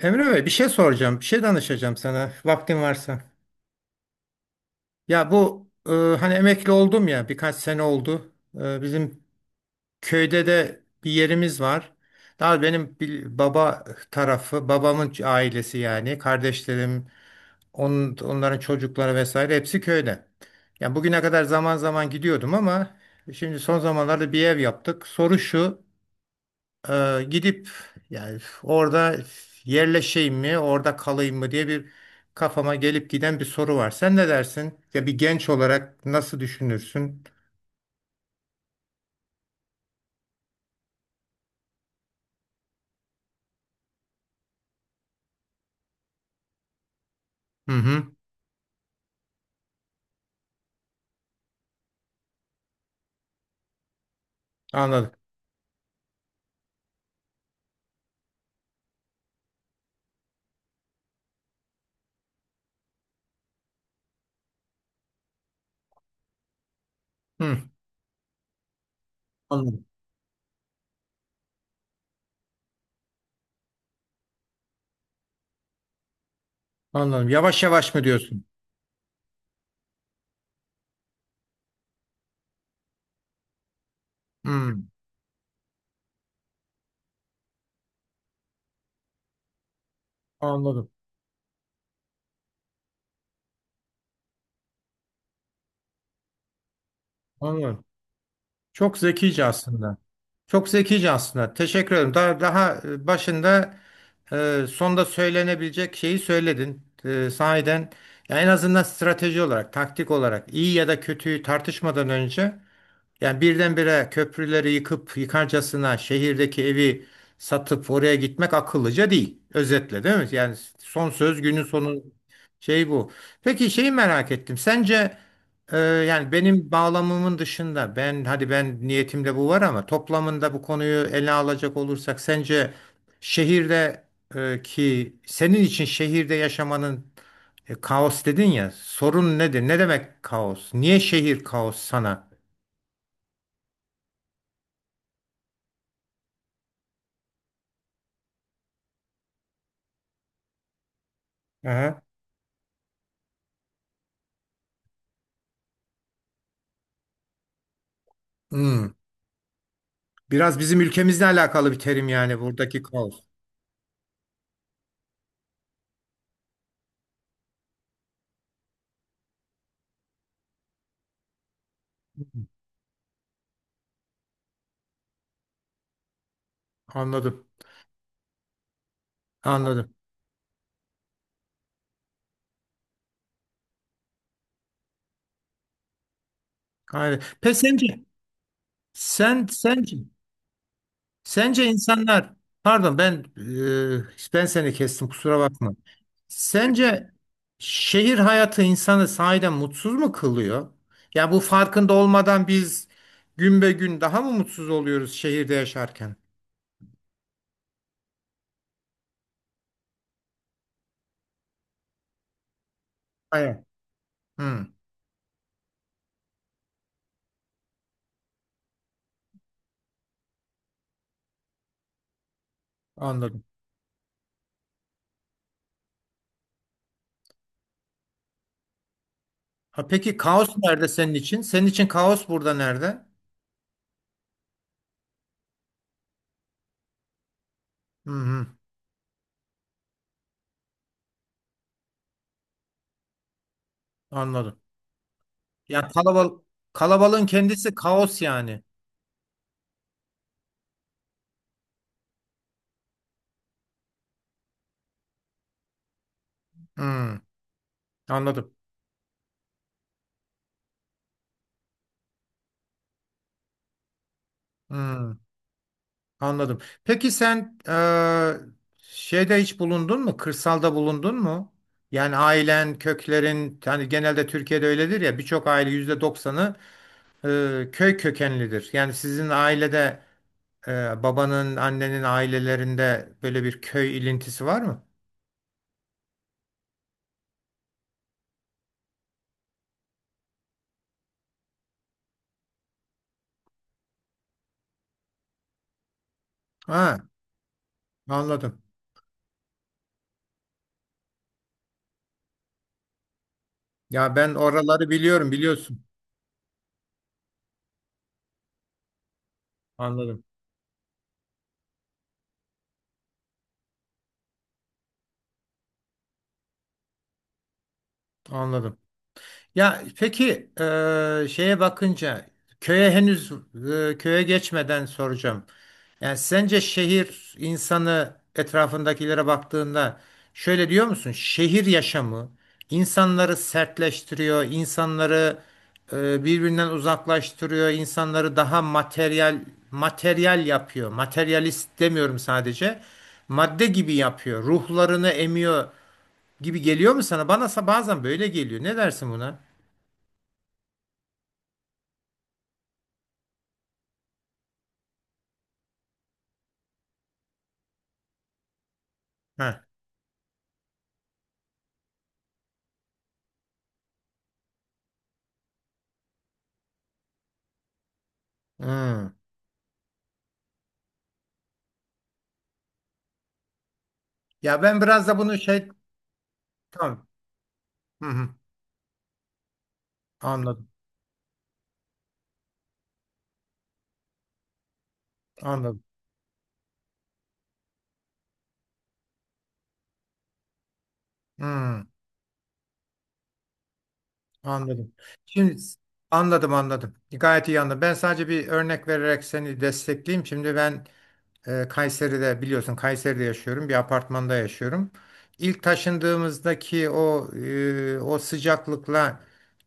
Emre Bey bir şey soracağım, bir şey danışacağım sana vaktin varsa. Ya bu hani emekli oldum ya birkaç sene oldu. Bizim köyde de bir yerimiz var. Daha benim bir baba tarafı, babamın ailesi yani kardeşlerim, onların çocukları vesaire hepsi köyde. Yani bugüne kadar zaman zaman gidiyordum ama şimdi son zamanlarda bir ev yaptık. Soru şu. Gidip yani orada yerleşeyim mi, orada kalayım mı diye bir kafama gelip giden bir soru var. Sen ne dersin? Ya bir genç olarak nasıl düşünürsün? Hı hı, anladım. Hı, anladım. Anladım. Yavaş yavaş mı diyorsun? Hı, anladım. Anladım. Çok zekice aslında. Çok zekice aslında. Teşekkür ederim. Daha başında sonda söylenebilecek şeyi söyledin. E, sahiden ya en azından strateji olarak, taktik olarak iyi ya da kötüyü tartışmadan önce yani birdenbire köprüleri yıkıp yıkarcasına şehirdeki evi satıp oraya gitmek akıllıca değil. Özetle değil mi? Yani son söz günün sonu şey bu. Peki şeyi merak ettim. Sence yani benim bağlamımın dışında ben hadi ben niyetimde bu var ama toplamında bu konuyu ele alacak olursak sence şehirde ki senin için şehirde yaşamanın kaos dedin ya sorun nedir? Ne demek kaos? Niye şehir kaos sana? Aha. Hmm. Biraz bizim ülkemizle alakalı bir terim yani buradaki kaos. Anladım. Anladım. Aynen. Peki sence sence sence insanlar pardon ben ben seni kestim kusura bakma. Sence şehir hayatı insanı sahiden mutsuz mu kılıyor? Ya bu farkında olmadan biz gün be gün daha mı mutsuz oluyoruz şehirde yaşarken? Aynen. Hmm, anladım. Ha, peki kaos nerede senin için? Senin için kaos burada nerede? Hı hı. Anladım. Ya kalabal kalabalığın kendisi kaos yani. Hmm, anladım. Hmm, anladım. Peki sen şeyde hiç bulundun mu? Kırsalda bulundun mu? Yani ailen, köklerin, yani genelde Türkiye'de öyledir ya birçok aile %90'ı köy kökenlidir. Yani sizin ailede babanın, annenin ailelerinde böyle bir köy ilintisi var mı? Ha, anladım. Ya ben oraları biliyorum, biliyorsun. Anladım, anladım. Ya peki şeye bakınca köye henüz köye geçmeden soracağım. Yani sence şehir insanı etrafındakilere baktığında şöyle diyor musun? Şehir yaşamı insanları sertleştiriyor, insanları birbirinden uzaklaştırıyor, insanları daha materyal yapıyor. Materyalist demiyorum sadece. Madde gibi yapıyor. Ruhlarını emiyor gibi geliyor mu sana? Bana sa- bazen böyle geliyor. Ne dersin buna? Heh. Hmm. Ya ben biraz da bunu şey tamam. Hı hı. Anladım. Anladım. Hmm. Anladım. Şimdi anladım, anladım. Gayet iyi anladım. Ben sadece bir örnek vererek seni destekleyeyim. Şimdi ben Kayseri'de biliyorsun Kayseri'de yaşıyorum. Bir apartmanda yaşıyorum. İlk taşındığımızdaki o o sıcaklıkla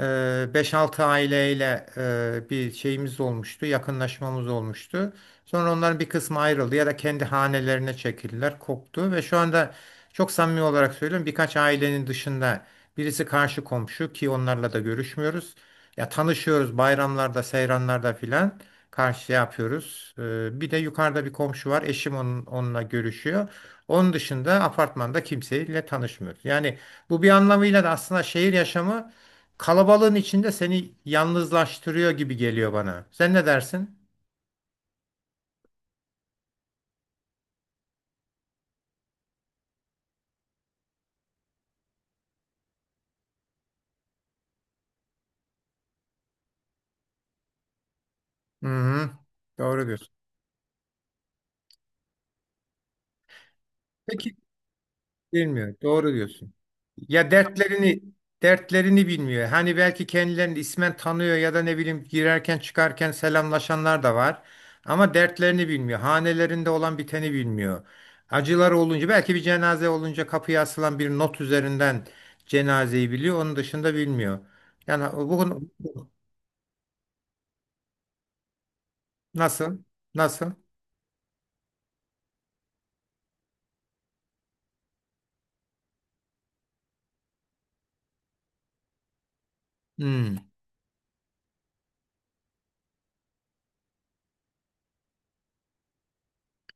e, 5-6 aileyle bir şeyimiz olmuştu. Yakınlaşmamız olmuştu. Sonra onların bir kısmı ayrıldı ya da kendi hanelerine çekildiler, koptu ve şu anda çok samimi olarak söylüyorum birkaç ailenin dışında birisi karşı komşu ki onlarla da görüşmüyoruz. Ya tanışıyoruz bayramlarda, seyranlarda filan karşıya yapıyoruz. Bir de yukarıda bir komşu var. Eşim onunla görüşüyor. Onun dışında apartmanda kimseyle tanışmıyoruz. Yani bu bir anlamıyla da aslında şehir yaşamı kalabalığın içinde seni yalnızlaştırıyor gibi geliyor bana. Sen ne dersin? Hı hı. Doğru diyorsun. Peki bilmiyor. Doğru diyorsun. Ya dertlerini bilmiyor. Hani belki kendilerini ismen tanıyor ya da ne bileyim girerken çıkarken selamlaşanlar da var. Ama dertlerini bilmiyor. Hanelerinde olan biteni bilmiyor. Acıları olunca belki bir cenaze olunca kapıya asılan bir not üzerinden cenazeyi biliyor. Onun dışında bilmiyor. Yani bugün nasıl? Nasıl? Hmm,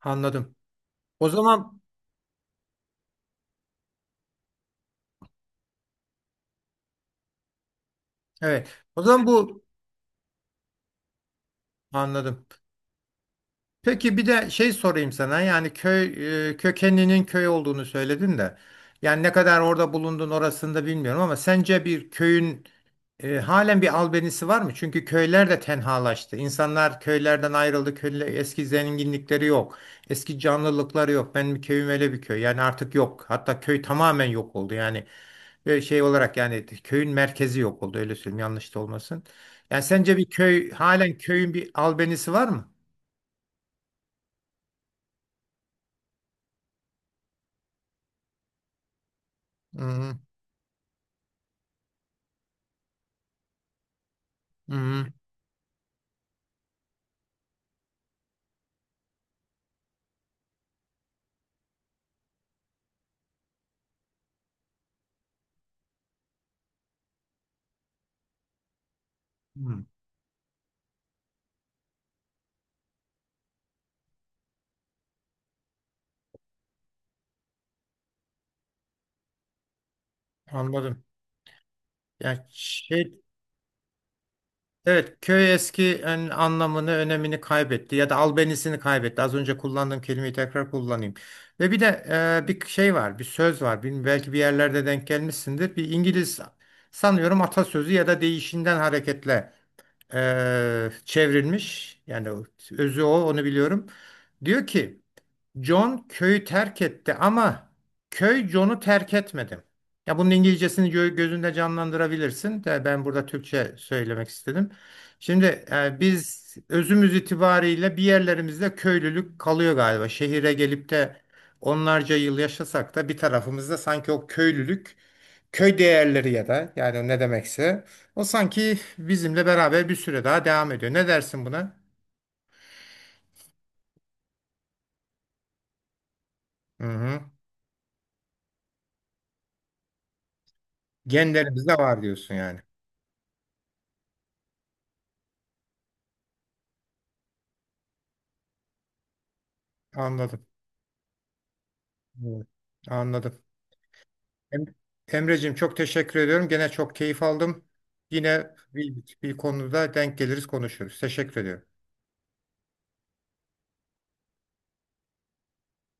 anladım. O zaman evet. O zaman bu anladım. Peki bir de şey sorayım sana yani köy kökeninin köy olduğunu söyledin de yani ne kadar orada bulundun orasını da bilmiyorum ama sence bir köyün halen bir albenisi var mı? Çünkü köyler de tenhalaştı. İnsanlar köylerden ayrıldı. Köyle, eski zenginlikleri yok. Eski canlılıkları yok. Benim köyüm öyle bir köy. Yani artık yok. Hatta köy tamamen yok oldu. Yani şey olarak yani köyün merkezi yok oldu. Öyle söyleyeyim yanlış da olmasın. Yani sence bir köy halen köyün bir albenisi var mı? Hı hı. Hı hı. Hmm, anladım. Yani şey, evet köy eski en- anlamını, önemini kaybetti ya da albenisini kaybetti. Az önce kullandığım kelimeyi tekrar kullanayım. Ve bir de bir şey var, bir söz var. Bilmiyorum, belki bir yerlerde denk gelmişsindir. Bir İngiliz sanıyorum atasözü ya da deyişinden hareketle çevrilmiş. Yani özü o, onu biliyorum. Diyor ki John köyü terk etti ama köy John'u terk etmedi. Ya bunun İngilizcesini gö- gözünde canlandırabilirsin de ben burada Türkçe söylemek istedim. Şimdi biz özümüz itibariyle bir yerlerimizde köylülük kalıyor galiba. Şehire gelip de onlarca yıl yaşasak da bir tarafımızda sanki o köylülük, köy değerleri ya da yani ne demekse o sanki bizimle beraber bir süre daha devam ediyor. Ne dersin buna? Hı hı. Genlerimizde var diyorsun yani. Anladım. Evet. Anladım. Em- Emreciğim çok teşekkür ediyorum. Gene çok keyif aldım. Yine bir, bir konuda denk geliriz konuşuruz. Teşekkür ediyorum.